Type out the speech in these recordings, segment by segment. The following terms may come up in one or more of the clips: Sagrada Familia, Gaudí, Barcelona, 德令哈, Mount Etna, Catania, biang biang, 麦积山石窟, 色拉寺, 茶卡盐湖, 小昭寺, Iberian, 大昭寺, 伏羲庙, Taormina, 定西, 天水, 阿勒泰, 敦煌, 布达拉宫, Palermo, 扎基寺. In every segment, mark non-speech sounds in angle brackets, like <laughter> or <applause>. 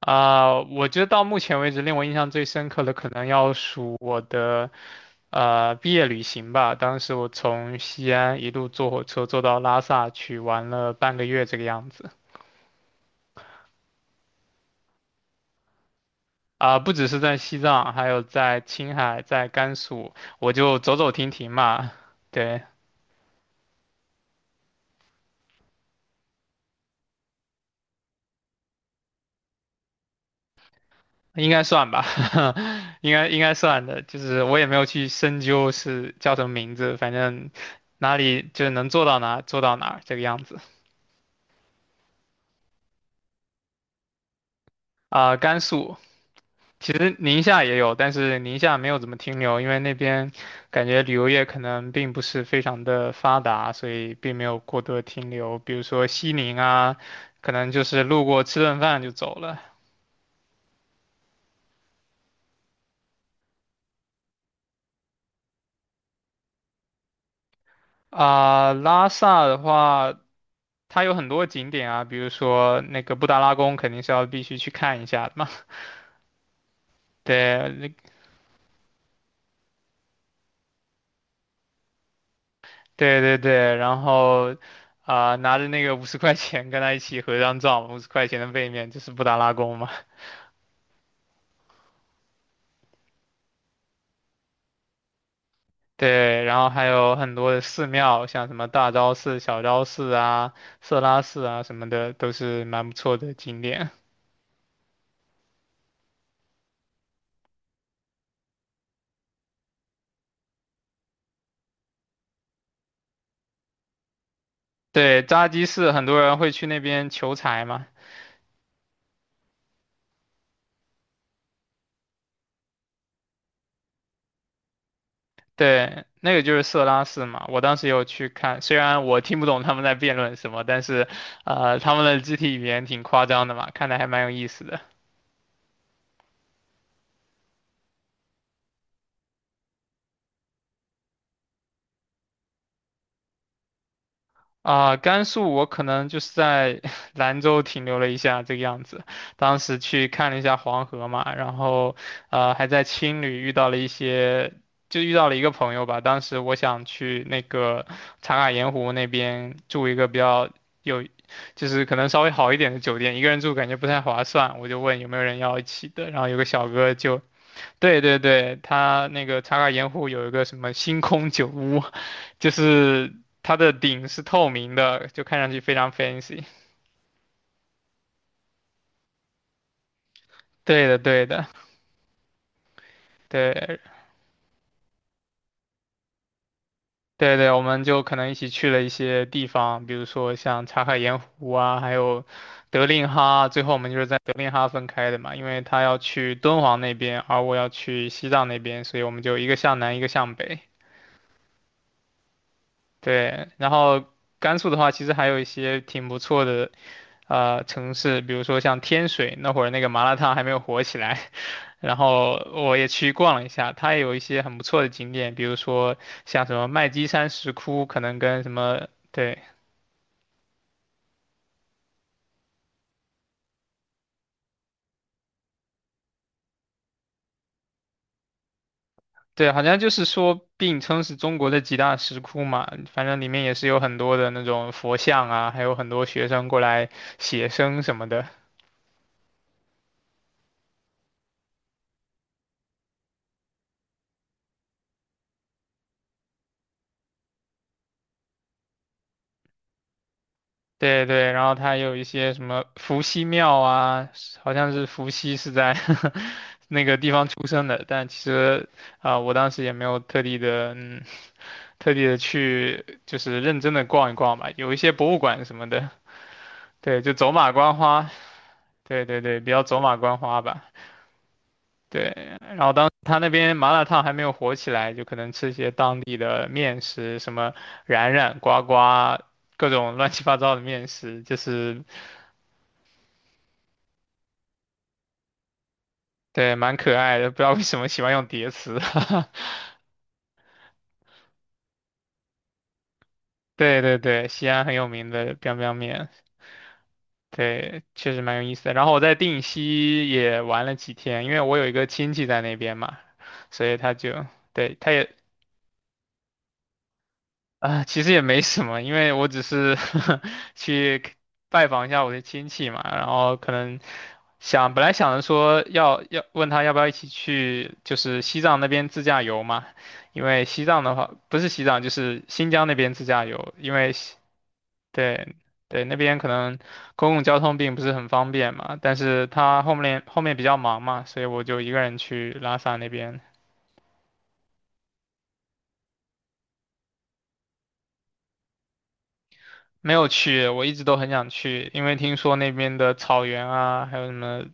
啊、我觉得到目前为止令我印象最深刻的可能要数我的毕业旅行吧。当时我从西安一路坐火车坐到拉萨去，玩了半个月这个样子。啊、不只是在西藏，还有在青海、在甘肃，我就走走停停嘛。对，应该算吧，<laughs> 应该算的。就是我也没有去深究是叫什么名字，反正哪里就是能做到哪做到哪这个样子。啊、甘肃。其实宁夏也有，但是宁夏没有怎么停留，因为那边感觉旅游业可能并不是非常的发达，所以并没有过多的停留。比如说西宁啊，可能就是路过吃顿饭就走了。啊、拉萨的话，它有很多景点啊，比如说那个布达拉宫肯定是要必须去看一下的嘛。<laughs> 对，那对，然后啊、拿着那个五十块钱跟他一起合张照，五十块钱的背面就是布达拉宫嘛。对，然后还有很多的寺庙，像什么大昭寺、小昭寺啊、色拉寺啊什么的，都是蛮不错的景点。对，扎基寺很多人会去那边求财嘛，对，那个就是色拉寺嘛。我当时有去看，虽然我听不懂他们在辩论什么，但是，他们的肢体语言挺夸张的嘛，看的还蛮有意思的。啊、甘肃我可能就是在 <laughs> 兰州停留了一下这个样子，当时去看了一下黄河嘛，然后还在青旅遇到了一些，就遇到了一个朋友吧。当时我想去那个茶卡盐湖那边住一个比较有，就是可能稍微好一点的酒店，一个人住感觉不太划算，我就问有没有人要一起的，然后有个小哥就，对，他那个茶卡盐湖有一个什么星空酒屋。就是它的顶是透明的，就看上去非常 fancy。对的，对的，对，对对，我们就可能一起去了一些地方，比如说像茶卡盐湖啊，还有德令哈。最后我们就是在德令哈分开的嘛，因为他要去敦煌那边，而我要去西藏那边，所以我们就一个向南，一个向北。对，然后甘肃的话，其实还有一些挺不错的城市，比如说像天水那会儿那个麻辣烫还没有火起来，<laughs> 然后我也去逛了一下，它也有一些很不错的景点，比如说像什么麦积山石窟，可能跟什么对对，好像就是说并称是中国的几大石窟嘛，反正里面也是有很多的那种佛像啊，还有很多学生过来写生什么的。对对，然后它有一些什么伏羲庙啊，好像是伏羲是在 <laughs> 那个地方出生的，但其实啊、我当时也没有特地的，嗯，特地的去就是认真的逛一逛吧，有一些博物馆什么的，对，就走马观花，对，比较走马观花吧，对，然后当时他那边麻辣烫还没有火起来，就可能吃一些当地的面食，什么冉冉呱呱。各种乱七八糟的面食，就是对，蛮可爱的，不知道为什么喜欢用叠词。<laughs> 对，西安很有名的 biang biang 面，对，确实蛮有意思的。然后我在定西也玩了几天，因为我有一个亲戚在那边嘛，所以他就，对，他也啊，其实也没什么，因为我只是 <laughs> 去拜访一下我的亲戚嘛，然后可能本来想着说要问他要不要一起去，就是西藏那边自驾游嘛，因为西藏的话不是西藏就是新疆那边自驾游，因为西对对那边可能公共交通并不是很方便嘛，但是他后面比较忙嘛，所以我就一个人去拉萨那边。没有去，我一直都很想去，因为听说那边的草原啊，还有什么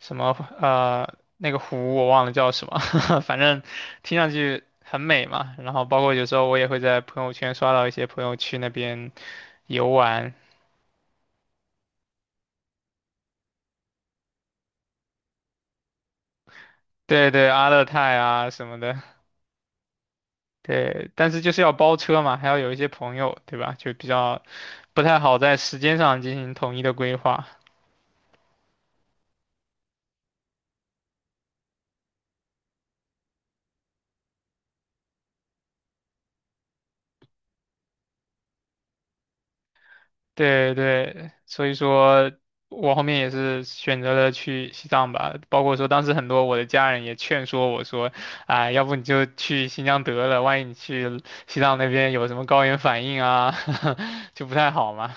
什么那个湖，我忘了叫什么，<laughs> 反正听上去很美嘛。然后包括有时候我也会在朋友圈刷到一些朋友去那边游玩，对对，阿勒泰啊什么的，对，但是就是要包车嘛，还要有一些朋友，对吧？就比较不太好在时间上进行统一的规划。对对，所以说我后面也是选择了去西藏吧，包括说当时很多我的家人也劝说我说，啊、要不你就去新疆得了，万一你去西藏那边有什么高原反应啊，<laughs> 就不太好嘛。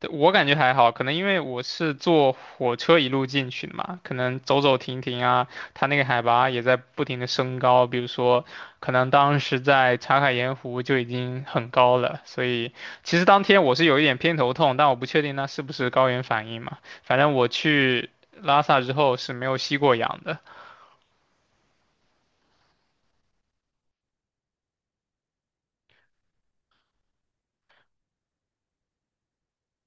对我感觉还好，可能因为我是坐火车一路进去的嘛，可能走走停停啊，它那个海拔也在不停的升高。比如说，可能当时在茶卡盐湖就已经很高了，所以其实当天我是有一点偏头痛，但我不确定那是不是高原反应嘛。反正我去拉萨之后是没有吸过氧的。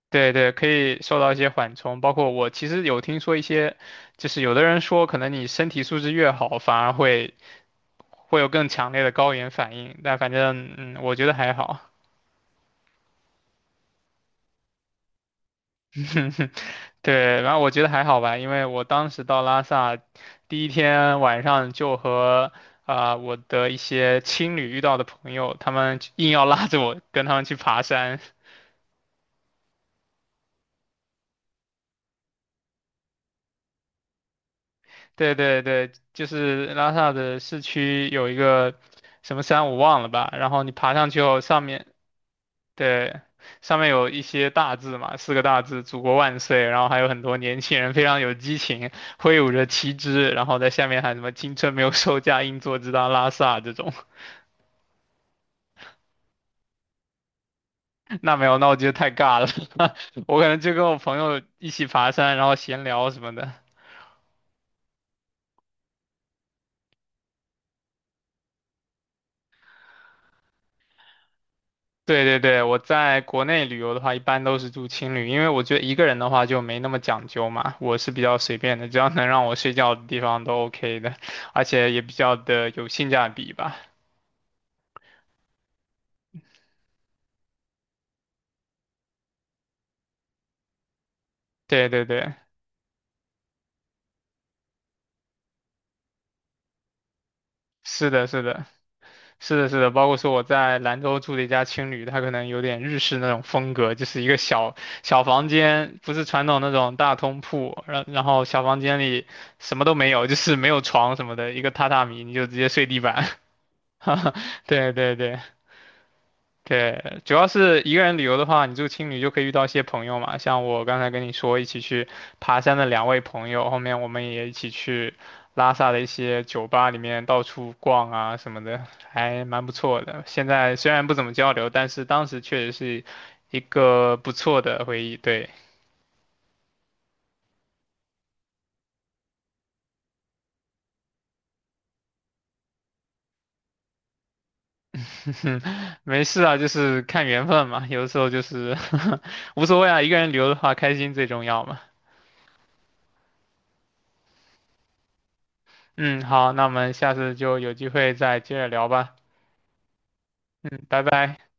对对，可以受到一些缓冲，包括我其实有听说一些，就是有的人说，可能你身体素质越好，反而会有更强烈的高原反应，但反正嗯，我觉得还好。<laughs> 对，然后我觉得还好吧，因为我当时到拉萨第一天晚上就和啊、我的一些青旅遇到的朋友，他们硬要拉着我跟他们去爬山。对，就是拉萨的市区有一个什么山我忘了吧，然后你爬上去后，上面对，上面有一些大字嘛，四个大字“祖国万岁”，然后还有很多年轻人非常有激情，挥舞着旗帜，然后在下面喊什么“青春没有售价，硬座直达拉萨”这种。<laughs> 那没有，那我觉得太尬了。<laughs> 我可能就跟我朋友一起爬山，然后闲聊什么的。对，我在国内旅游的话，一般都是住青旅，因为我觉得一个人的话就没那么讲究嘛，我是比较随便的，只要能让我睡觉的地方都 OK 的，而且也比较的有性价比吧。对。是的，是的，是的，是的，包括说我在兰州住的一家青旅，它可能有点日式那种风格，就是一个小小房间，不是传统那种大通铺，然后小房间里什么都没有，就是没有床什么的，一个榻榻米，你就直接睡地板。<laughs> 对。对，主要是一个人旅游的话，你住青旅就可以遇到一些朋友嘛，像我刚才跟你说一起去爬山的两位朋友，后面我们也一起去拉萨的一些酒吧里面到处逛啊什么的，还蛮不错的。现在虽然不怎么交流，但是当时确实是一个不错的回忆。对，<laughs> 没事啊，就是看缘分嘛，有的时候就是 <laughs> 无所谓啊，一个人旅游的话，开心最重要嘛。嗯，好，那我们下次就有机会再接着聊吧。嗯，拜拜。